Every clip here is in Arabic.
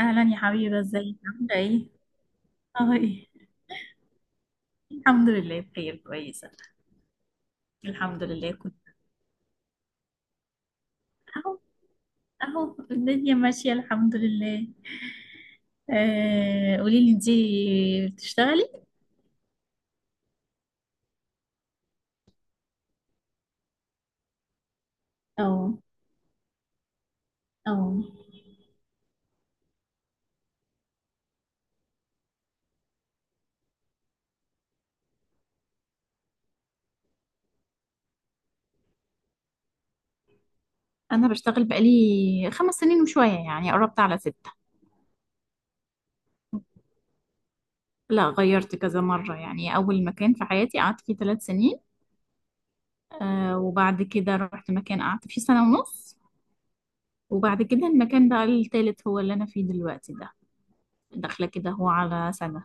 اهلا يا حبيبه، ازيك؟ عامله ايه؟ اهي. الحمد لله بخير كويسه. الحمد لله كنت اهو. اهو الدنيا ماشيه الحمد لله. آه قولي لي، انتي بتشتغلي؟ اه اه. انا بشتغل بقالي خمس سنين وشويه، يعني قربت على ستة. لا، غيرت كذا مرة، يعني أول مكان في حياتي قعدت فيه ثلاث سنين. آه وبعد كده رحت مكان قعدت فيه سنة ونص. وبعد كده المكان بقى التالت هو اللي أنا فيه دلوقتي ده. داخلة كده هو على سنة.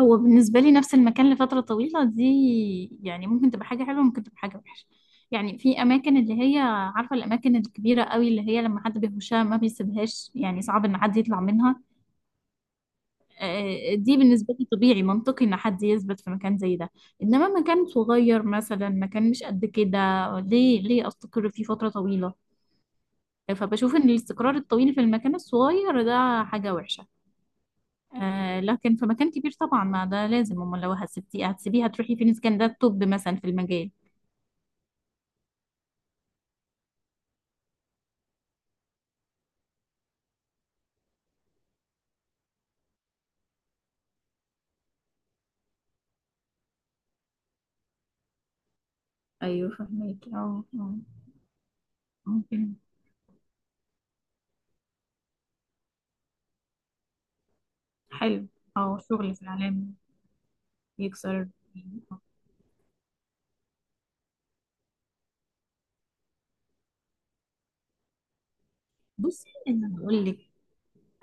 هو بالنسبة لي نفس المكان لفترة طويلة دي، يعني ممكن تبقى حاجة حلوة، ممكن تبقى حاجة وحشة. يعني في أماكن اللي هي، عارفة الأماكن الكبيرة قوي اللي هي لما حد بيخشها ما بيسيبهاش، يعني صعب إن حد يطلع منها. آه، دي بالنسبة لي طبيعي منطقي إن حد يثبت في مكان زي ده. إنما مكان صغير مثلا، مكان مش قد كده، ليه ليه أستقر فيه فترة طويلة؟ فبشوف إن الاستقرار الطويل في المكان الصغير ده حاجة وحشة. آه لكن في مكان كبير طبعا، ما ده لازم، امال لو هتسيبتي هتسيبيها تروحي فين اذا كان ده الطب مثلا في المجال. ايوه فهميكي اه. ممكن. حلو. اه شغل في الإعلام يكسر آه. بصي انا هقول لك،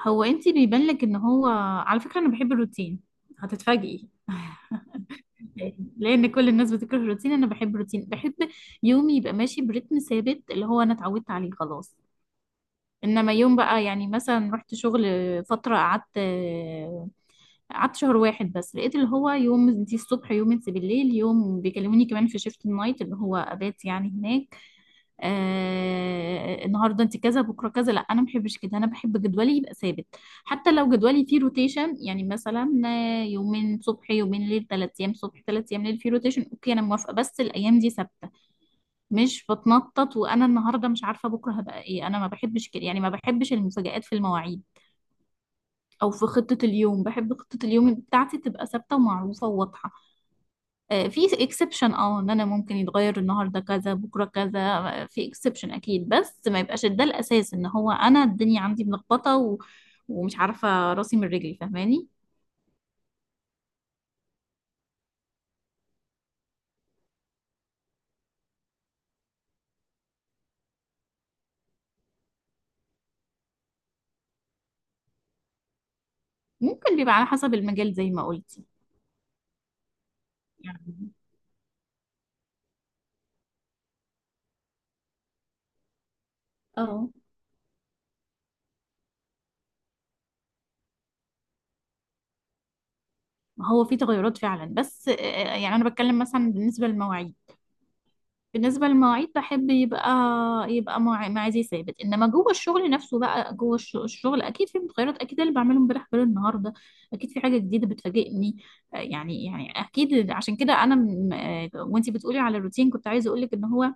هو انت بيبان لك ان هو، على فكره انا بحب الروتين، هتتفاجئي لان كل الناس بتكره الروتين، انا بحب الروتين، بحب يومي يبقى ماشي برتم ثابت اللي هو انا اتعودت عليه خلاص. انما يوم بقى، يعني مثلا رحت شغل فتره، قعدت شهر واحد بس، لقيت اللي هو يوم انتي الصبح، يوم انتي بالليل، يوم بيكلموني كمان في شيفت النايت اللي هو ابات يعني هناك. آه النهارده انتي كذا بكره كذا، لا انا ما بحبش كده، انا بحب جدولي يبقى ثابت. حتى لو جدولي فيه روتيشن، يعني مثلا، آه، يومين صبح يومين ليل، ثلاث ايام صبح ثلاث ايام ليل، فيه روتيشن اوكي، انا موافقه، بس الايام دي ثابته، مش بتنطط. وانا النهارده مش عارفه بكره هبقى ايه، انا ما بحبش كده، يعني ما بحبش المفاجآت في المواعيد او في خطة اليوم، بحب خطة اليوم بتاعتي تبقى ثابتة ومعروفة وواضحة. آه، في اكسبشن، اه ان انا ممكن يتغير النهاردة كذا بكرة كذا، آه، في اكسبشن اكيد، بس ما يبقاش ده الاساس ان هو انا الدنيا عندي ملخبطة ومش عارفة راسي من رجلي، فاهماني؟ ممكن بيبقى على حسب المجال زي ما قلتي. يعني اه ما هو في تغيرات فعلا، بس آه، يعني انا بتكلم مثلا بالنسبة للمواعيد، بالنسبة للمواعيد بحب يبقى ميعادي ثابت، انما جوه الشغل نفسه بقى، جوه الشغل اكيد في متغيرات، اكيد اللي بعمله امبارح غير النهارده، اكيد في حاجة جديدة بتفاجئني. آه، يعني يعني اكيد عشان كده انا م- آه، وانتي بتقولي على الروتين، كنت عايزة اقولك ان هو،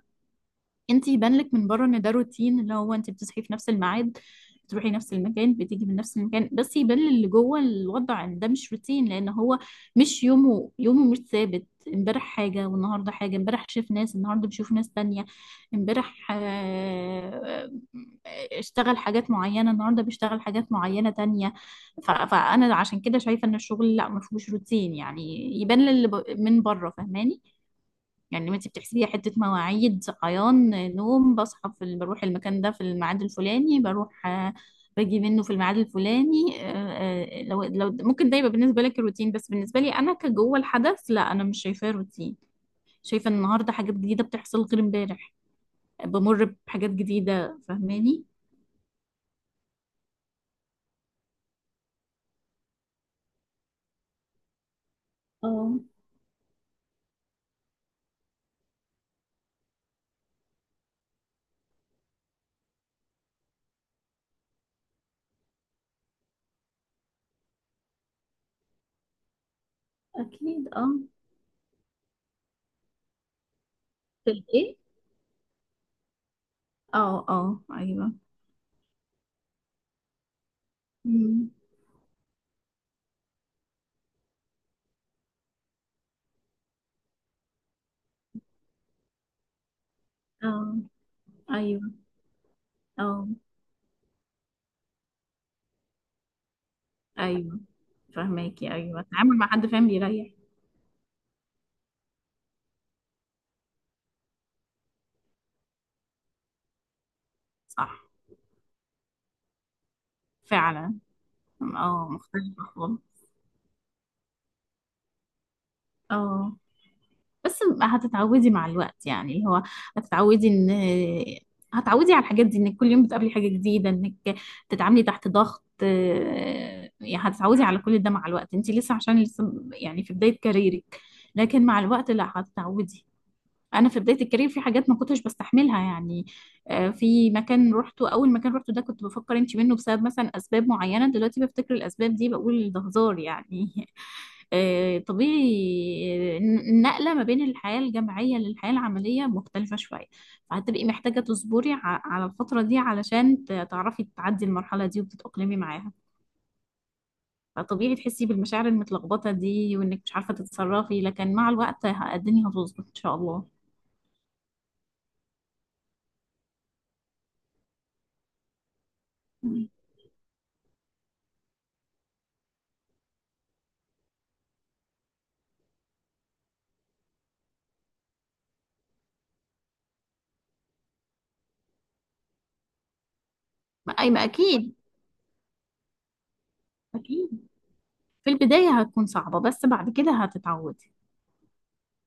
انت يبان لك من بره ان ده روتين، اللي هو انت بتصحي في نفس الميعاد، بتروحي نفس المكان، بتيجي من نفس المكان، بس يبان اللي جوه الوضع ان ده مش روتين، لان هو مش يومه يومه، مش ثابت. امبارح حاجه والنهارده حاجه، امبارح شاف ناس النهارده بيشوف ناس تانية، امبارح آه، آه، اشتغل حاجات معينه النهارده بيشتغل حاجات معينه تانية. فانا عشان كده شايفه ان الشغل لا ما فيهوش روتين يعني، يبان للي من بره، فاهماني؟ يعني ما انت بتحسبيها حته مواعيد صحيان نوم، بصحى بروح المكان ده في الميعاد الفلاني، بروح آه، باجي منه في الميعاد الفلاني، آه، آه، لو ممكن ده يبقى بالنسبه لك روتين، بس بالنسبه لي انا كجوه الحدث لا، انا مش شايفاه روتين، شايفه ان النهارده حاجات جديده بتحصل غير امبارح، بمر بحاجات جديده، فاهماني؟ اه اكيد. اه. في الايه؟ اه اه ايوه مم. اه ايوه اه ايوه فاهماكي ايوه التعامل مع حد فاهم بيريح صح فعلا اه مختلفة خالص اه بس هتتعودي مع الوقت يعني اللي هو هتتعودي ان هتعودي على الحاجات دي انك كل يوم بتقابلي حاجة جديدة انك تتعاملي تحت ضغط آه، يعني هتتعودي على كل ده مع الوقت انت لسه عشان لسه يعني في بداية كاريرك لكن مع الوقت لا هتتعودي انا في بدايه الكارير في حاجات ما كنتش بستحملها يعني آه، في مكان روحته اول مكان روحته ده كنت بفكر امشي منه بسبب مثلا اسباب معينه دلوقتي بفتكر الاسباب دي بقول ده هزار يعني آه، طبيعي آه، النقله ما بين الحياه الجامعيه للحياه العمليه مختلفه شويه فهتبقي محتاجه تصبري ع- على الفتره دي، علشان تعرفي تعدي المرحله دي وتتاقلمي معاها. فطبيعي تحسي بالمشاعر المتلخبطه دي وانك مش عارفه تتصرفي، لكن مع الوقت الدنيا هتظبط ان شاء الله. ما- اي ما اكيد. اكيد في البداية هتكون صعبة، بس بعد كده هتتعودي،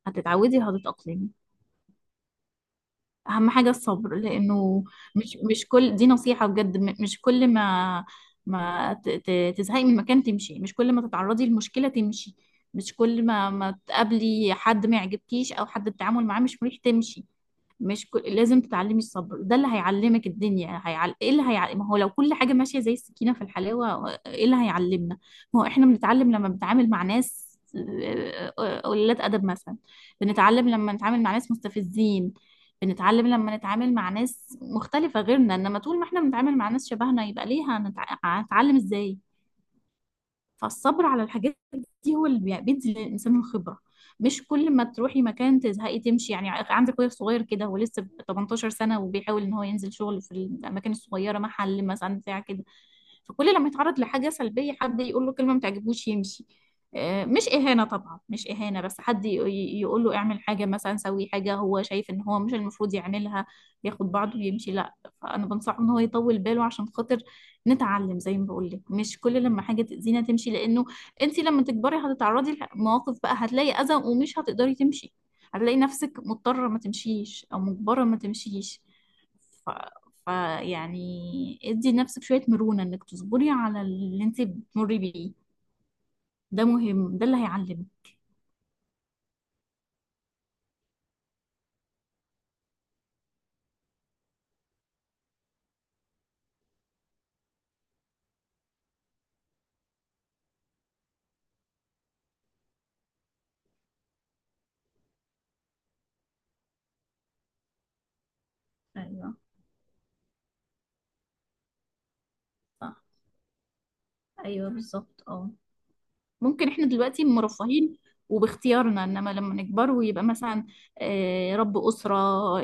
هتتعودي وهتتأقلمي. اهم حاجة الصبر لانه، مش كل دي نصيحة بجد، مش كل ما تزهقي من مكان تمشي، مش كل ما تتعرضي لمشكلة تمشي، مش كل ما تقابلي حد ما يعجبكيش او حد التعامل معاه مش مريح تمشي، مش كل... لازم تتعلمي الصبر، ده اللي هيعلمك الدنيا، هيعل... ايه اللي هيعلم؟ ما هو لو كل حاجة ماشية زي السكينة في الحلاوة، ايه اللي هيعلمنا؟ ما هو احنا بنتعلم لما بنتعامل مع ناس آه، آه، قليلات ادب مثلا، بنتعلم لما نتعامل مع ناس مستفزين، بنتعلم لما نتعامل مع ناس مختلفة غيرنا، انما طول ما احنا بنتعامل مع ناس شبهنا، يبقى ليه هنتعلم ازاي؟ فالصبر على الحاجات دي هو اللي بيدي للإنسان الخبرة. مش كل ما تروحي مكان تزهقي تمشي، يعني عندك اخويا صغير كده هو لسه 18 سنة وبيحاول ان هو ينزل شغل في الأماكن الصغيرة، محل مثلا بتاع كده. فكل لما يتعرض لحاجة سلبية حد يقول له كلمة ما تعجبوش يمشي، آه، مش إهانة طبعا مش إهانة، بس حد يقول له اعمل حاجة مثلا، سوي حاجة هو شايف إن هو مش المفروض يعملها، ياخد بعضه ويمشي، لا. فأنا بنصحه إن هو يطول باله عشان خاطر نتعلم، زي ما بقول لك مش كل لما حاجة تأذينا تمشي، لأنه أنت لما تكبري هتتعرضي لمواقف بقى، هتلاقي أذى ومش هتقدري تمشي، هتلاقي نفسك مضطرة ما تمشيش أو مجبرة ما تمشيش. فيعني ادي لنفسك شوية مرونة انك تصبري على اللي انت بتمري بيه، ده مهم، ده اللي هيعلمك. ايوه صح. ايوه بالظبط اه. ممكن احنا دلوقتي مرفهين وباختيارنا، انما لما نكبر ويبقى مثلا، آه، رب اسره،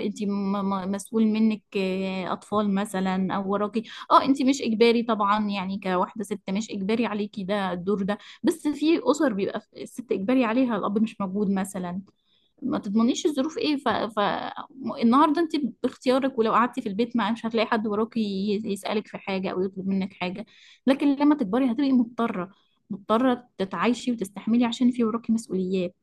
انت مسؤول منك آه، اطفال مثلا او وراكي. اه انت مش اجباري طبعا، يعني كواحده ست مش اجباري عليكي ده الدور ده، بس في اسر بيبقى الست اجباري عليها، الاب مش موجود مثلا، ما تضمنيش الظروف ايه النهارده انت باختيارك، ولو قعدتي في البيت مع مش هتلاقي حد وراكي يسألك في حاجه او يطلب منك حاجه، لكن لما تكبري هتبقي مضطره، مضطره تتعايشي وتستحملي عشان في وراكي مسؤوليات.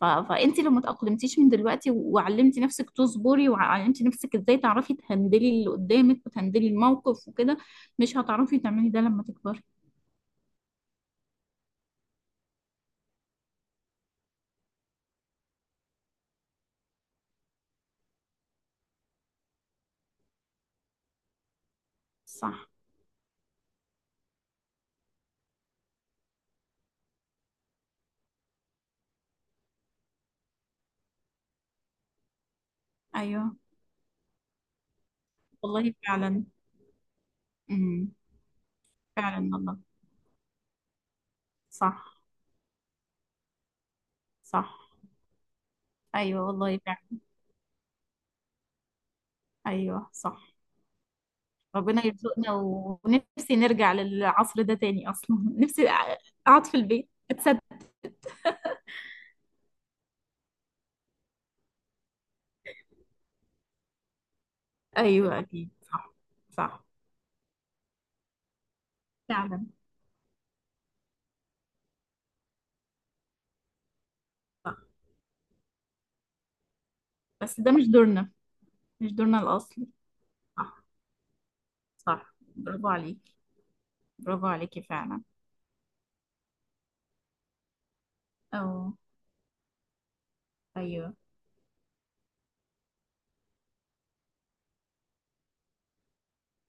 فانت لو ما تأقلمتيش من دلوقتي وعلمتي نفسك تصبري، وعلمتي نفسك ازاي تعرفي تهندلي اللي قدامك وتهندلي الموقف وكده، مش هتعرفي تعملي ده لما تكبري. صح ايوه والله فعلا. امم فعلا والله. صح صح. ايوه والله فعلا. ايوه صح. ربنا يرزقنا ونفسي نرجع للعصر ده تاني اصلا نفسي اقعد في البيت اتثبت. ايوه اكيد صح صح فعلا. صح بس ده مش دورنا، مش دورنا الاصلي. صح صح برافو عليكي، برافو عليكي فعلا. اه ايوه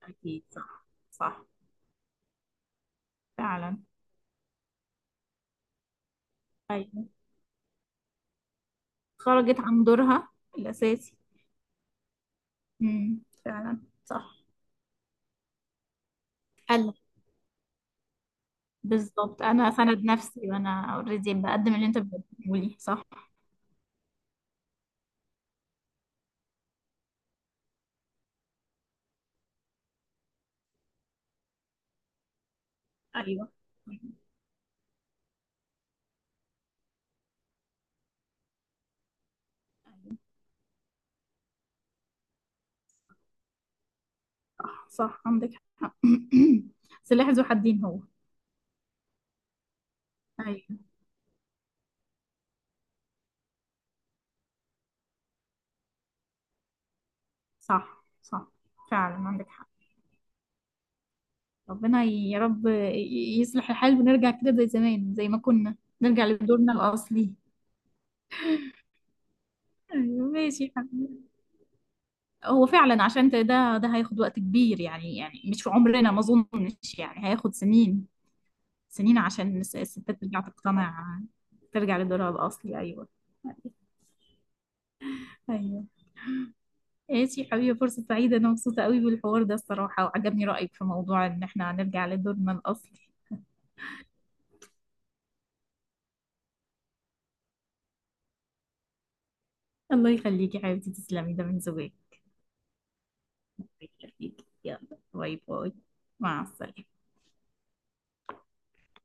اكيد صح صح فعلا. ايوه خرجت عن دورها الاساسي. فعلا صح. حلو بالظبط، انا اسند نفسي وانا اوريدي بقدم اللي انت بتقوليه صح. ايوه. صح عندك حق سلاح ذو حدين هو. أيوة. صح صح فعلا عندك حق. ربنا يا رب يصلح الحال ونرجع كده زي زمان زي ما كنا، نرجع لدورنا الأصلي. أيوة ماشي يا حبيبي، هو فعلا عشان ده هياخد وقت كبير، يعني يعني مش في عمرنا ما أظنش يعني، هياخد سنين سنين عشان الستات ترجع تقتنع، ترجع لدورها الأصلي. أيوة. أيوة ماشي حبيبي، فرصة سعيدة، أنا مبسوطة قوي بالحوار ده الصراحة، وعجبني رأيك في موضوع إن احنا هنرجع لدورنا الأصلي. الله يخليكي حبيبتي، تسلمي، ده من زواج. الله يخليكي، يلا باي باي. مع السلامة.